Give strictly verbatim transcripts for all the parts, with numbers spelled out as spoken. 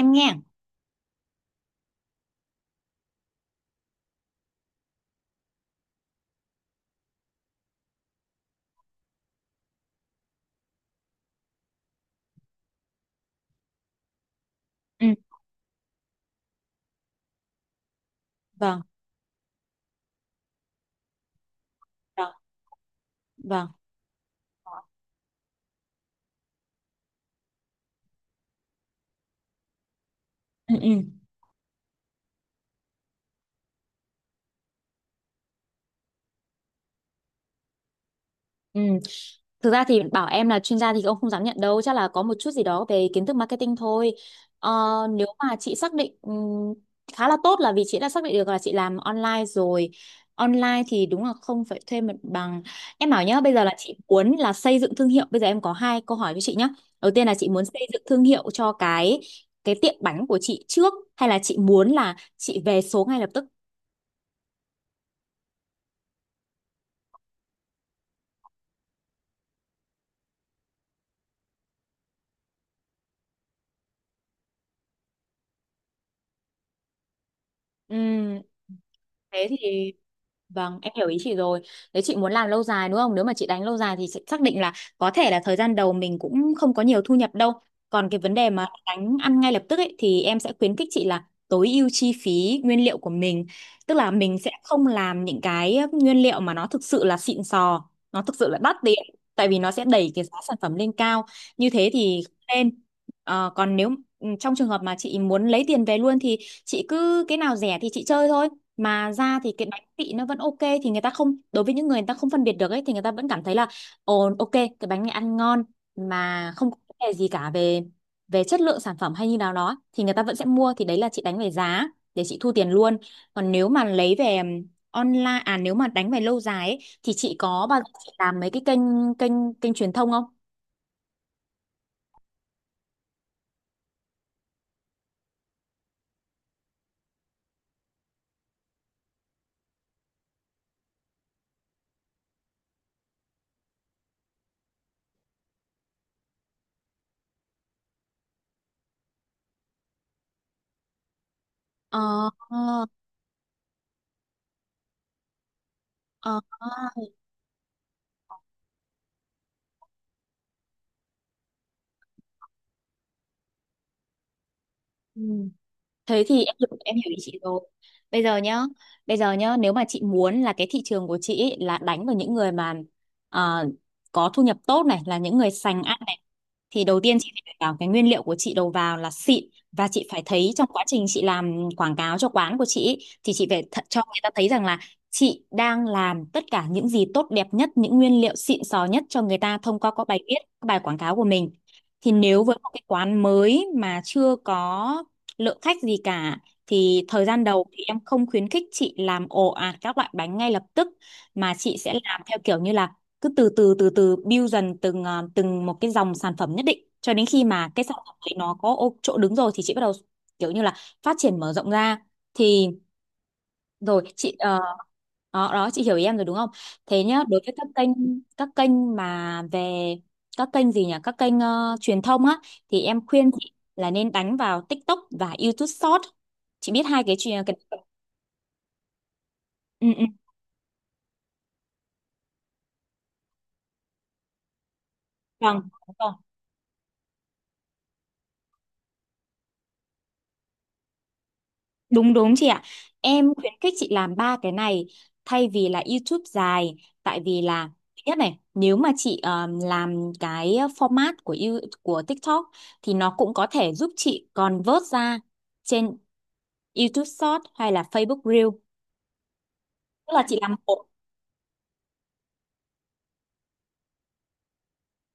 Em nghe. Ừ, vâng. Rồi, vâng. Ừ, ừ, ừ. Thực ra thì bảo em là chuyên gia thì ông không dám nhận đâu, chắc là có một chút gì đó về kiến thức marketing thôi. Ờ, nếu mà chị xác định ừm, khá là tốt là vì chị đã xác định được là chị làm online rồi. Online thì đúng là không phải thuê mặt bằng. Em bảo nhá, bây giờ là chị muốn là xây dựng thương hiệu. Bây giờ em có hai câu hỏi với chị nhá. Đầu tiên là chị muốn xây dựng thương hiệu cho cái cái tiệm bánh của chị trước hay là chị muốn là chị về số ngay lập tức? Ừm. thế thì vâng, em hiểu ý chị rồi. Nếu chị muốn làm lâu dài đúng không, nếu mà chị đánh lâu dài thì sẽ xác định là có thể là thời gian đầu mình cũng không có nhiều thu nhập đâu. Còn cái vấn đề mà đánh ăn ngay lập tức ấy thì em sẽ khuyến khích chị là tối ưu chi phí nguyên liệu của mình, tức là mình sẽ không làm những cái nguyên liệu mà nó thực sự là xịn sò, nó thực sự là đắt tiền, tại vì nó sẽ đẩy cái giá sản phẩm lên cao, như thế thì không nên. Ờ, còn nếu ừ, trong trường hợp mà chị muốn lấy tiền về luôn thì chị cứ cái nào rẻ thì chị chơi thôi, mà ra thì cái bánh vị nó vẫn ok thì người ta không, đối với những người người ta không phân biệt được ấy thì người ta vẫn cảm thấy là ồ ok, cái bánh này ăn ngon mà không có vấn đề gì cả về về chất lượng sản phẩm hay như nào đó thì người ta vẫn sẽ mua, thì đấy là chị đánh về giá để chị thu tiền luôn. Còn nếu mà lấy về um, online à, nếu mà đánh về lâu dài ấy, thì chị có bao giờ chị làm mấy cái kênh kênh kênh truyền thông không? ờ ờ ờ ừ. Thế thì em hiểu, em hiểu ý chị rồi. Bây giờ nhá, bây giờ nhá, nếu mà chị muốn là cái thị trường của chị ý là đánh vào những người mà ờ, có thu nhập tốt này, là những người sành ăn, thì đầu tiên chị phải đảm bảo cái nguyên liệu của chị đầu vào là xịn, và chị phải thấy trong quá trình chị làm quảng cáo cho quán của chị ý, thì chị phải th- cho người ta thấy rằng là chị đang làm tất cả những gì tốt đẹp nhất, những nguyên liệu xịn sò nhất cho người ta thông qua các bài viết, các bài quảng cáo của mình. Thì nếu với một cái quán mới mà chưa có lượng khách gì cả thì thời gian đầu thì em không khuyến khích chị làm ồ ạt các loại bánh ngay lập tức, mà chị sẽ làm theo kiểu như là cứ từ từ từ từ build dần từng ờ, từng một cái dòng sản phẩm nhất định cho đến khi mà cái sản phẩm đấy nó có ô- chỗ đứng rồi thì chị bắt đầu kiểu như là phát triển mở rộng ra. Thì rồi chị ờ, đó, đó chị hiểu ý em rồi đúng không? Thế nhá, đối với các kênh các kênh mà về các kênh gì nhỉ? Các kênh ờ, truyền thông á, thì em khuyên chị là nên đánh vào TikTok và YouTube Short. Chị biết hai cái chuyện cái... Ừ, ừ, vâng. Đúng đúng chị ạ. Em khuyến khích chị làm ba cái này thay vì là YouTube dài, tại vì là thứ nhất này, nếu mà chị ờm, làm cái format của you- của TikTok thì nó cũng có thể giúp chị convert ra trên YouTube Short hay là Facebook Reel. Tức là chị làm một,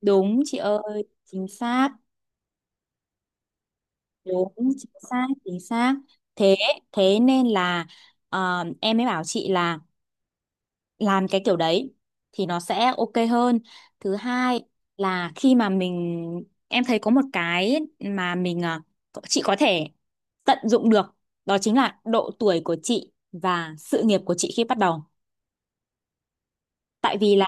đúng chị ơi, chính xác, đúng chính xác, chính xác. Thế thế nên là ờm, em mới bảo chị là làm cái kiểu đấy thì nó sẽ ok hơn. Thứ hai là khi mà mình, em thấy có một cái mà mình à, chị có thể tận dụng được đó chính là độ tuổi của chị và sự nghiệp của chị khi bắt đầu, tại vì là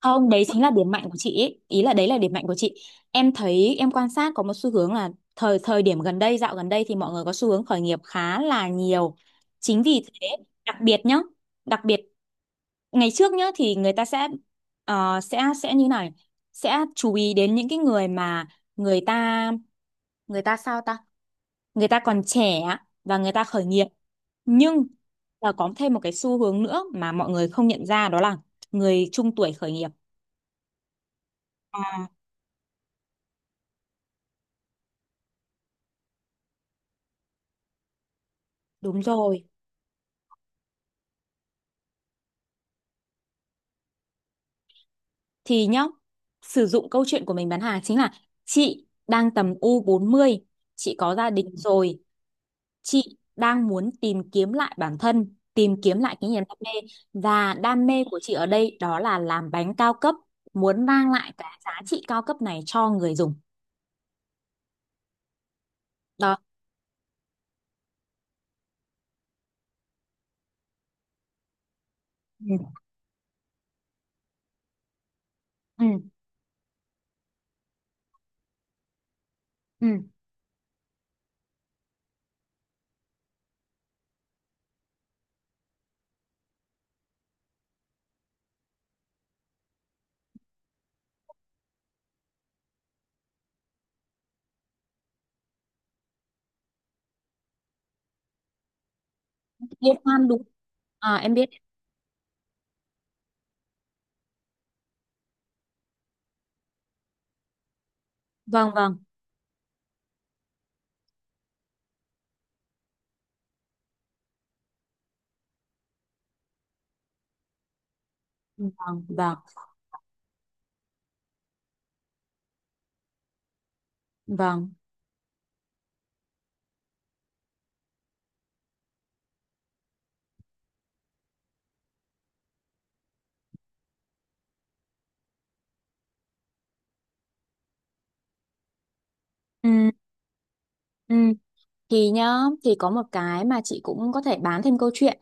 không, đấy chính là điểm mạnh của chị ý, ý là đấy là điểm mạnh của chị. Em thấy em quan sát có một xu hướng là thời thời điểm gần đây, dạo gần đây thì mọi người có xu hướng khởi nghiệp khá là nhiều, chính vì thế đặc biệt nhá, đặc biệt ngày trước nhá thì người ta sẽ ờ, sẽ sẽ như này sẽ chú ý đến những cái người mà người ta người ta sao ta người ta còn trẻ và người ta khởi nghiệp, nhưng là có thêm một cái xu hướng nữa mà mọi người không nhận ra đó là người trung tuổi khởi nghiệp. À, đúng rồi. Thì nhá, sử dụng câu chuyện của mình bán hàng chính là chị đang tầm u bốn mươi, chị có gia đình rồi, chị đang muốn tìm kiếm lại bản thân, tìm kiếm lại cái niềm đam mê, và đam mê của chị ở đây đó là làm bánh cao cấp, muốn mang lại cái giá trị cao cấp này cho người dùng. Đó. Ừ, ừ, ừ, liên hoan đúng. À, em biết. Vâng, vâng, vâng, vâng, vâng. Ừ, ừ. Thì nhá, thì có một cái mà chị cũng có thể bán thêm câu chuyện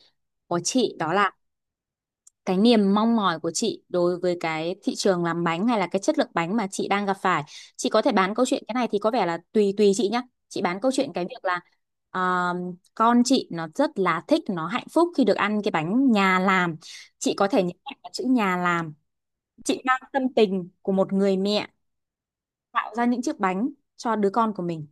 của chị đó là cái niềm mong mỏi của chị đối với cái thị trường làm bánh hay là cái chất lượng bánh mà chị đang gặp phải. Chị có thể bán câu chuyện, cái này thì có vẻ là tùy tùy chị nhá. Chị bán câu chuyện cái việc là ờ, con chị nó rất là thích, nó hạnh phúc khi được ăn cái bánh nhà làm, chị có thể nhấn mạnh vào chữ nhà làm. Chị mang tâm tình của một người mẹ tạo ra những chiếc bánh cho đứa con của mình.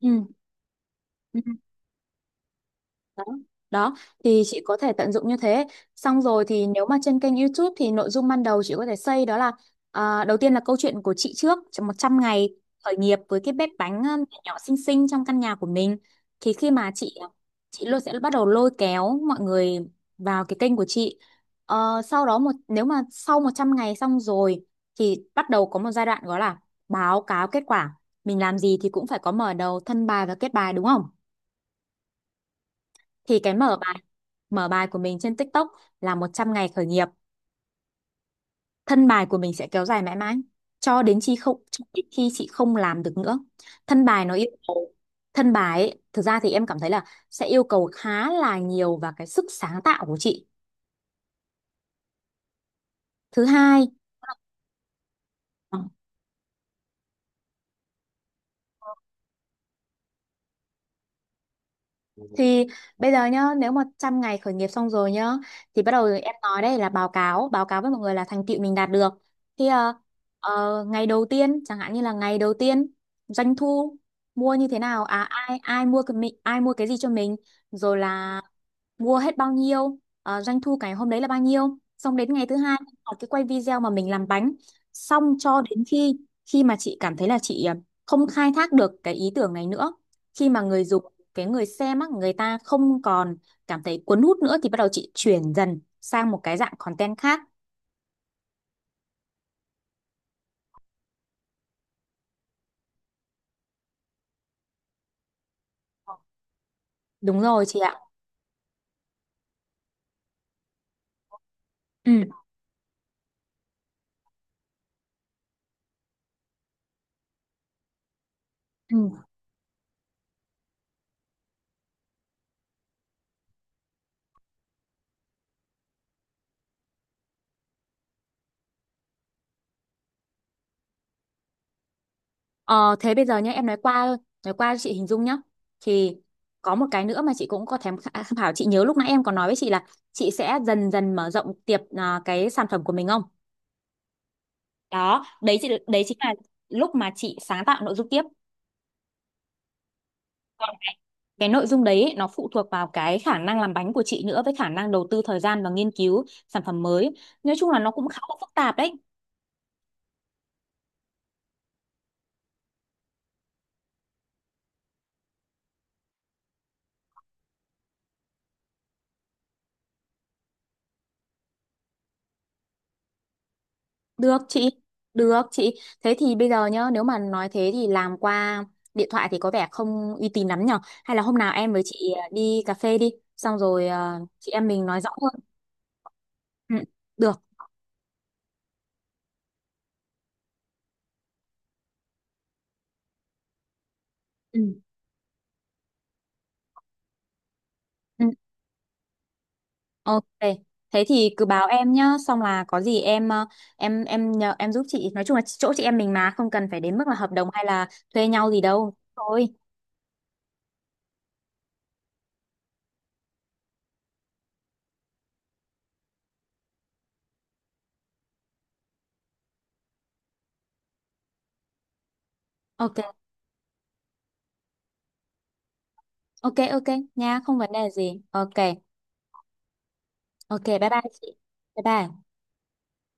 Ừ. Ừ. Đó, đó, thì chị có thể tận dụng như thế, xong rồi thì nếu mà trên kênh YouTube thì nội dung ban đầu chị có thể xây đó là à, đầu tiên là câu chuyện của chị trước trong một trăm ngày khởi nghiệp với cái bếp bánh um, nhỏ nhỏ xinh xinh trong căn nhà của mình. Thì khi mà chị à, chị luôn sẽ bắt đầu lôi kéo mọi người vào cái kênh của chị. Ờ, sau đó một, nếu mà sau một trăm ngày xong rồi thì bắt đầu có một giai đoạn gọi là báo cáo kết quả, mình làm gì thì cũng phải có mở đầu, thân bài và kết bài đúng không, thì cái mở bài, mở bài của mình trên TikTok là một trăm ngày khởi nghiệp, thân bài của mình sẽ kéo dài mãi mãi cho đến khi không, cho đến khi chị không làm được nữa. Thân bài nó yêu cầu, thân bài ấy, thực ra thì em cảm thấy là sẽ yêu cầu khá là nhiều và cái sức sáng tạo của chị. Thứ hai, thì bây giờ nhá, nếu mà trăm ngày khởi nghiệp xong rồi nhá, thì bắt đầu em nói đây là báo cáo, báo cáo với mọi người là thành tựu mình đạt được. Thì ờ, ờ, ngày đầu tiên, chẳng hạn như là ngày đầu tiên doanh thu, mua như thế nào, à ai ai mua cái mình, ai mua cái gì cho mình, rồi là mua hết bao nhiêu, ờ, doanh thu cái hôm đấy là bao nhiêu, xong đến ngày thứ hai học cái quay video mà mình làm bánh, xong cho đến khi, khi mà chị cảm thấy là chị ờ, không khai thác được cái ý tưởng này nữa, khi mà người dùng, cái người xem á, người ta không còn cảm thấy cuốn hút nữa thì bắt đầu chị chuyển dần sang một cái dạng content khác. Đúng rồi chị ạ. Ừ. Ừ. Ờ, thế bây giờ nhé em nói qua thôi, nói qua cho chị hình dung nhá, thì có một cái nữa mà chị cũng có thèm khá- tham khảo. Chị nhớ lúc nãy em còn nói với chị là chị sẽ dần dần mở rộng tiệp à, cái sản phẩm của mình không? Đó, đấy chị, đấy chính là lúc mà chị sáng tạo nội dung tiếp. Còn cái nội dung đấy ấy, nó phụ thuộc vào cái khả năng làm bánh của chị nữa với khả năng đầu tư thời gian và nghiên cứu sản phẩm mới, nói chung là nó cũng khá là phức tạp đấy. Được chị, được chị. Thế thì bây giờ nhá, nếu mà nói thế thì làm qua điện thoại thì có vẻ không uy tín lắm nhở. Hay là hôm nào em với chị ờ, đi cà phê đi, xong rồi ờ, chị em mình nói rõ hơn. Ừ, được. Ừ. Ừ, ok. Thế thì cứ báo em nhá, xong là có gì em ờ, em em nhờ em giúp chị. Nói chung là chỗ chị em mình mà không cần phải đến mức là hợp đồng hay là thuê nhau gì đâu. Thôi. Ok, ok, ok nha, không vấn đề gì. Ok, ok, bye bye chị. Bye bye.